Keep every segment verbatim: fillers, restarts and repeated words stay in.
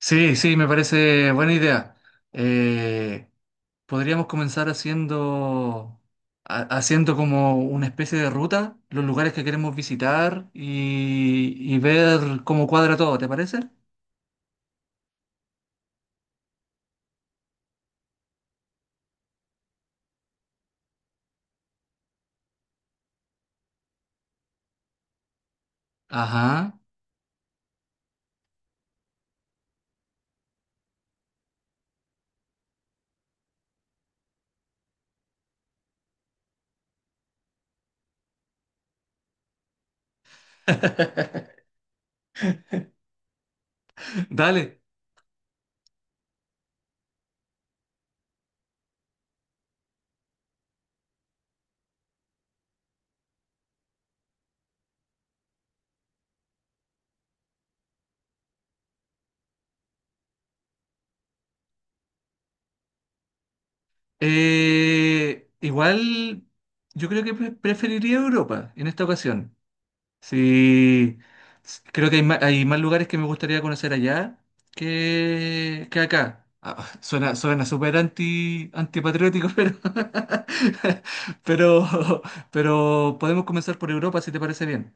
Sí, sí, me parece buena idea. Eh, Podríamos comenzar haciendo, ha- haciendo como una especie de ruta, los lugares que queremos visitar y, y ver cómo cuadra todo, ¿te parece? Ajá. Dale. Eh, igual yo creo que pre- preferiría Europa en esta ocasión. Sí, s- creo que hay más, hay más lugares que me gustaría conocer allá que, que acá. Ah, ah, suena, suena súper anti, antipatriótico, pero, pero, pero podemos comenzar por Europa si te parece bien.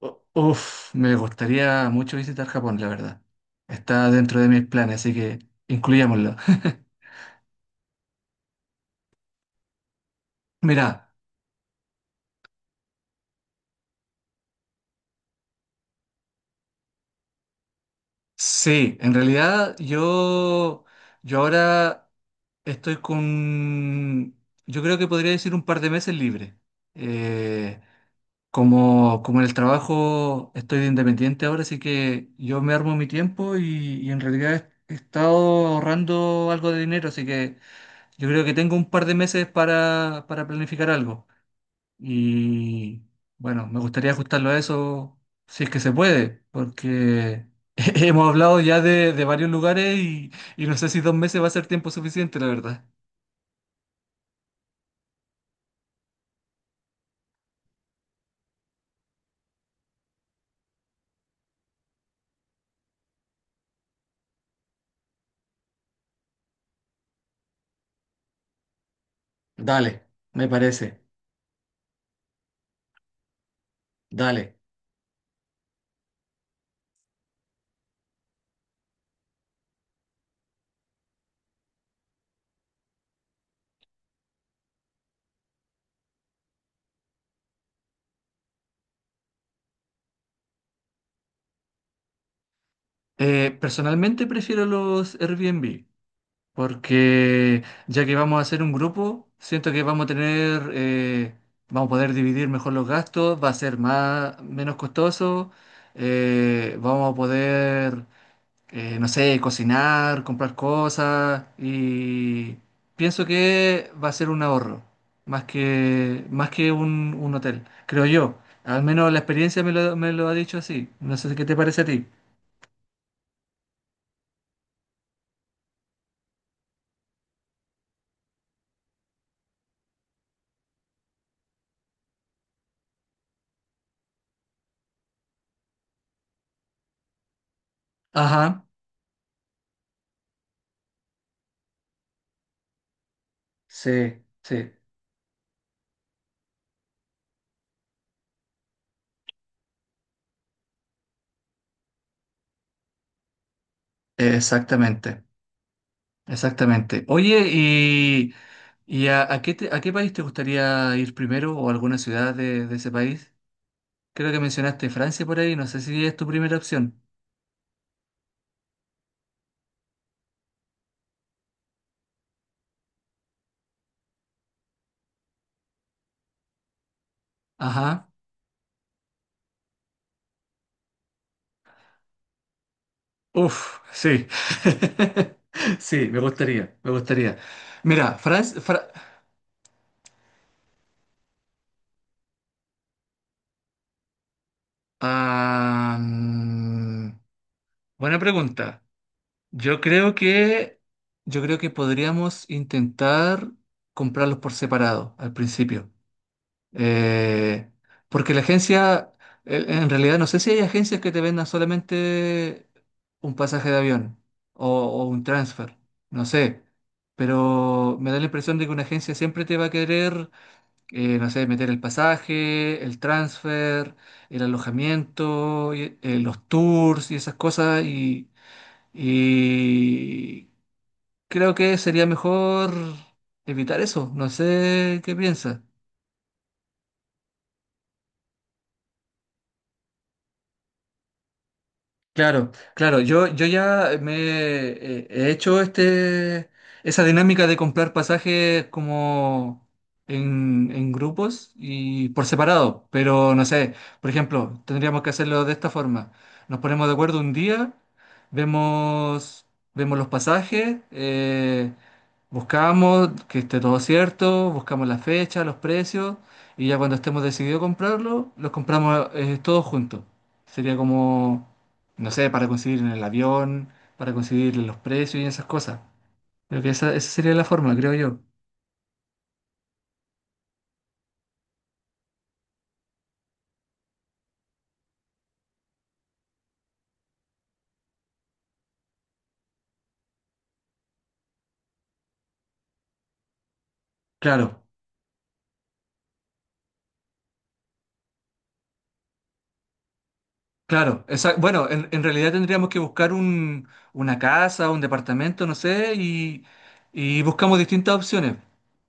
U- Uf, me gustaría mucho visitar Japón, la verdad. Está dentro de mis planes, así que incluyámoslo. Mira, sí, en realidad yo, yo ahora. Estoy con, yo creo que podría decir un par de meses libre. Eh, Como, como en el trabajo estoy de independiente ahora, así que yo me armo mi tiempo y, y en realidad he estado ahorrando algo de dinero, así que yo creo que tengo un par de meses para, para planificar algo. Y bueno, me gustaría ajustarlo a eso si es que se puede, porque hemos hablado ya de, de varios lugares y, y no sé si dos meses va a ser tiempo suficiente, la verdad. Dale, me parece, dale. Eh, personalmente prefiero los Airbnb porque ya que vamos a hacer un grupo, siento que vamos a tener, eh, vamos a poder dividir mejor los gastos, va a ser más, menos costoso, eh, vamos a poder eh, no sé, cocinar, comprar cosas y pienso que va a ser un ahorro, más que, más que un, un hotel, creo yo. Al menos la experiencia me lo, me lo ha dicho así. No sé si, qué te parece a ti. Ajá, sí, sí, exactamente, exactamente. Oye, ¿y, y a, a qué te- a qué país te gustaría ir primero o alguna ciudad de, de ese país? Creo que mencionaste Francia por ahí, no sé si es tu primera opción. Ajá. Uf, sí. Sí, me gustaría, me gustaría. Mira, Franz, Fra- Ah, mm, buena pregunta. Yo creo que, yo creo que podríamos intentar comprarlos por separado al principio. Eh, Porque la agencia, eh, en realidad no sé si hay agencias que te vendan solamente un pasaje de avión o, o un transfer, no sé. Pero me da la impresión de que una agencia siempre te va a querer eh, no sé, meter el pasaje, el transfer, el alojamiento, y- eh, los tours y esas cosas. Y, y creo que sería mejor evitar eso. No sé qué piensas. Claro, claro, yo, yo ya me eh, he hecho este, esa dinámica de comprar pasajes como en, en grupos y por separado, pero no sé, por ejemplo, tendríamos que hacerlo de esta forma. Nos ponemos de acuerdo un día, vemos, vemos los pasajes, eh, buscamos que esté todo cierto, buscamos la fecha, los precios y ya cuando estemos decididos a comprarlo, los compramos eh, todos juntos. Sería como no sé, para conseguir en el avión, para conseguir los precios y esas cosas. Creo que esa, esa sería la forma, creo yo. Claro, claro. Esa- bueno, en, en realidad tendríamos que buscar un, una casa, un departamento, no sé, y, y buscamos distintas opciones.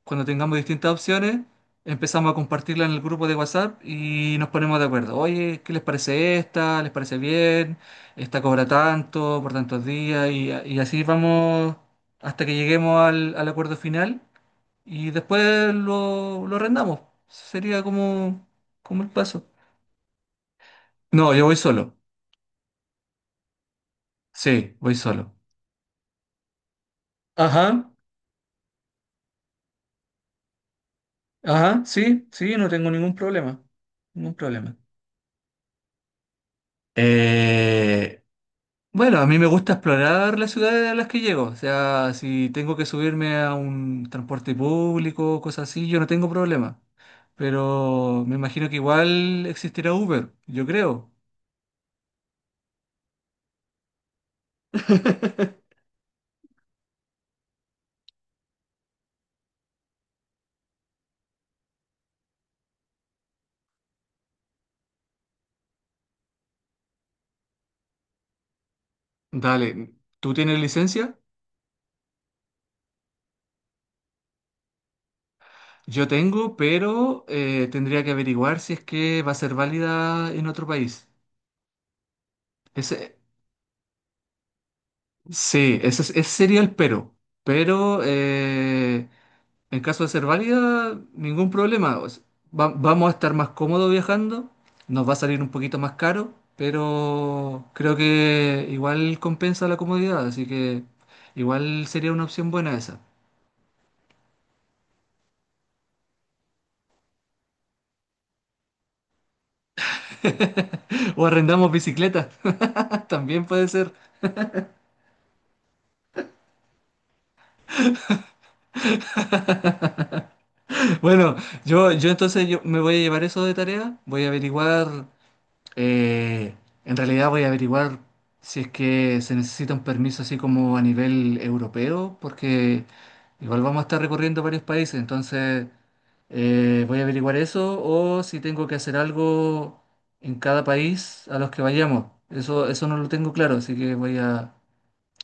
Cuando tengamos distintas opciones, empezamos a compartirla en el grupo de WhatsApp y nos ponemos de acuerdo. Oye, ¿qué les parece esta? ¿Les parece bien? Esta cobra tanto por tantos días y, y así vamos hasta que lleguemos al al acuerdo final y después lo, lo arrendamos. Sería como, como el paso. No, yo voy solo. Sí, voy solo. Ajá, ajá, sí, sí, no tengo ningún problema. Ningún problema. Eh, bueno, a mí me gusta explorar las ciudades a las que llego. O sea, si tengo que subirme a un transporte público, cosas así, yo no tengo problema. Pero me imagino que igual existirá Uber, yo creo. Dale, ¿tú tienes licencia? Yo tengo, pero eh, tendría que averiguar si es que va a ser válida en otro país. Ese, sí, ese, es- ese sería el pero. Pero eh, en caso de ser válida, ningún problema. O sea, va- vamos a estar más cómodos viajando, nos va a salir un poquito más caro, pero creo que igual compensa la comodidad, así que igual sería una opción buena esa. O arrendamos bicicleta, también puede ser. Bueno, yo, yo entonces yo me voy a llevar eso de tarea, voy a averiguar, eh, en realidad voy a averiguar si es que se necesita un permiso así como a nivel europeo, porque igual vamos a estar recorriendo varios países, entonces eh, voy a averiguar eso o si tengo que hacer algo en cada país a los que vayamos. Eso, eso no lo tengo claro, así que voy a,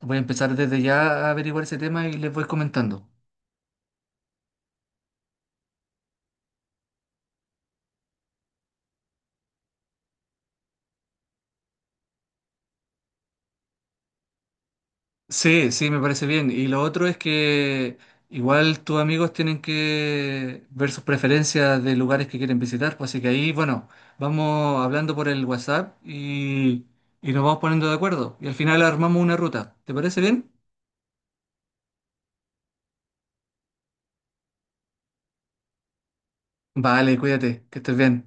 voy a empezar desde ya a averiguar ese tema y les voy comentando. Sí, sí, me parece bien. Y lo otro es que igual tus amigos tienen que ver sus preferencias de lugares que quieren visitar, pues así que ahí, bueno, vamos hablando por el WhatsApp y, y nos vamos poniendo de acuerdo. Y al final armamos una ruta. ¿Te parece bien? Vale, cuídate, que estés bien.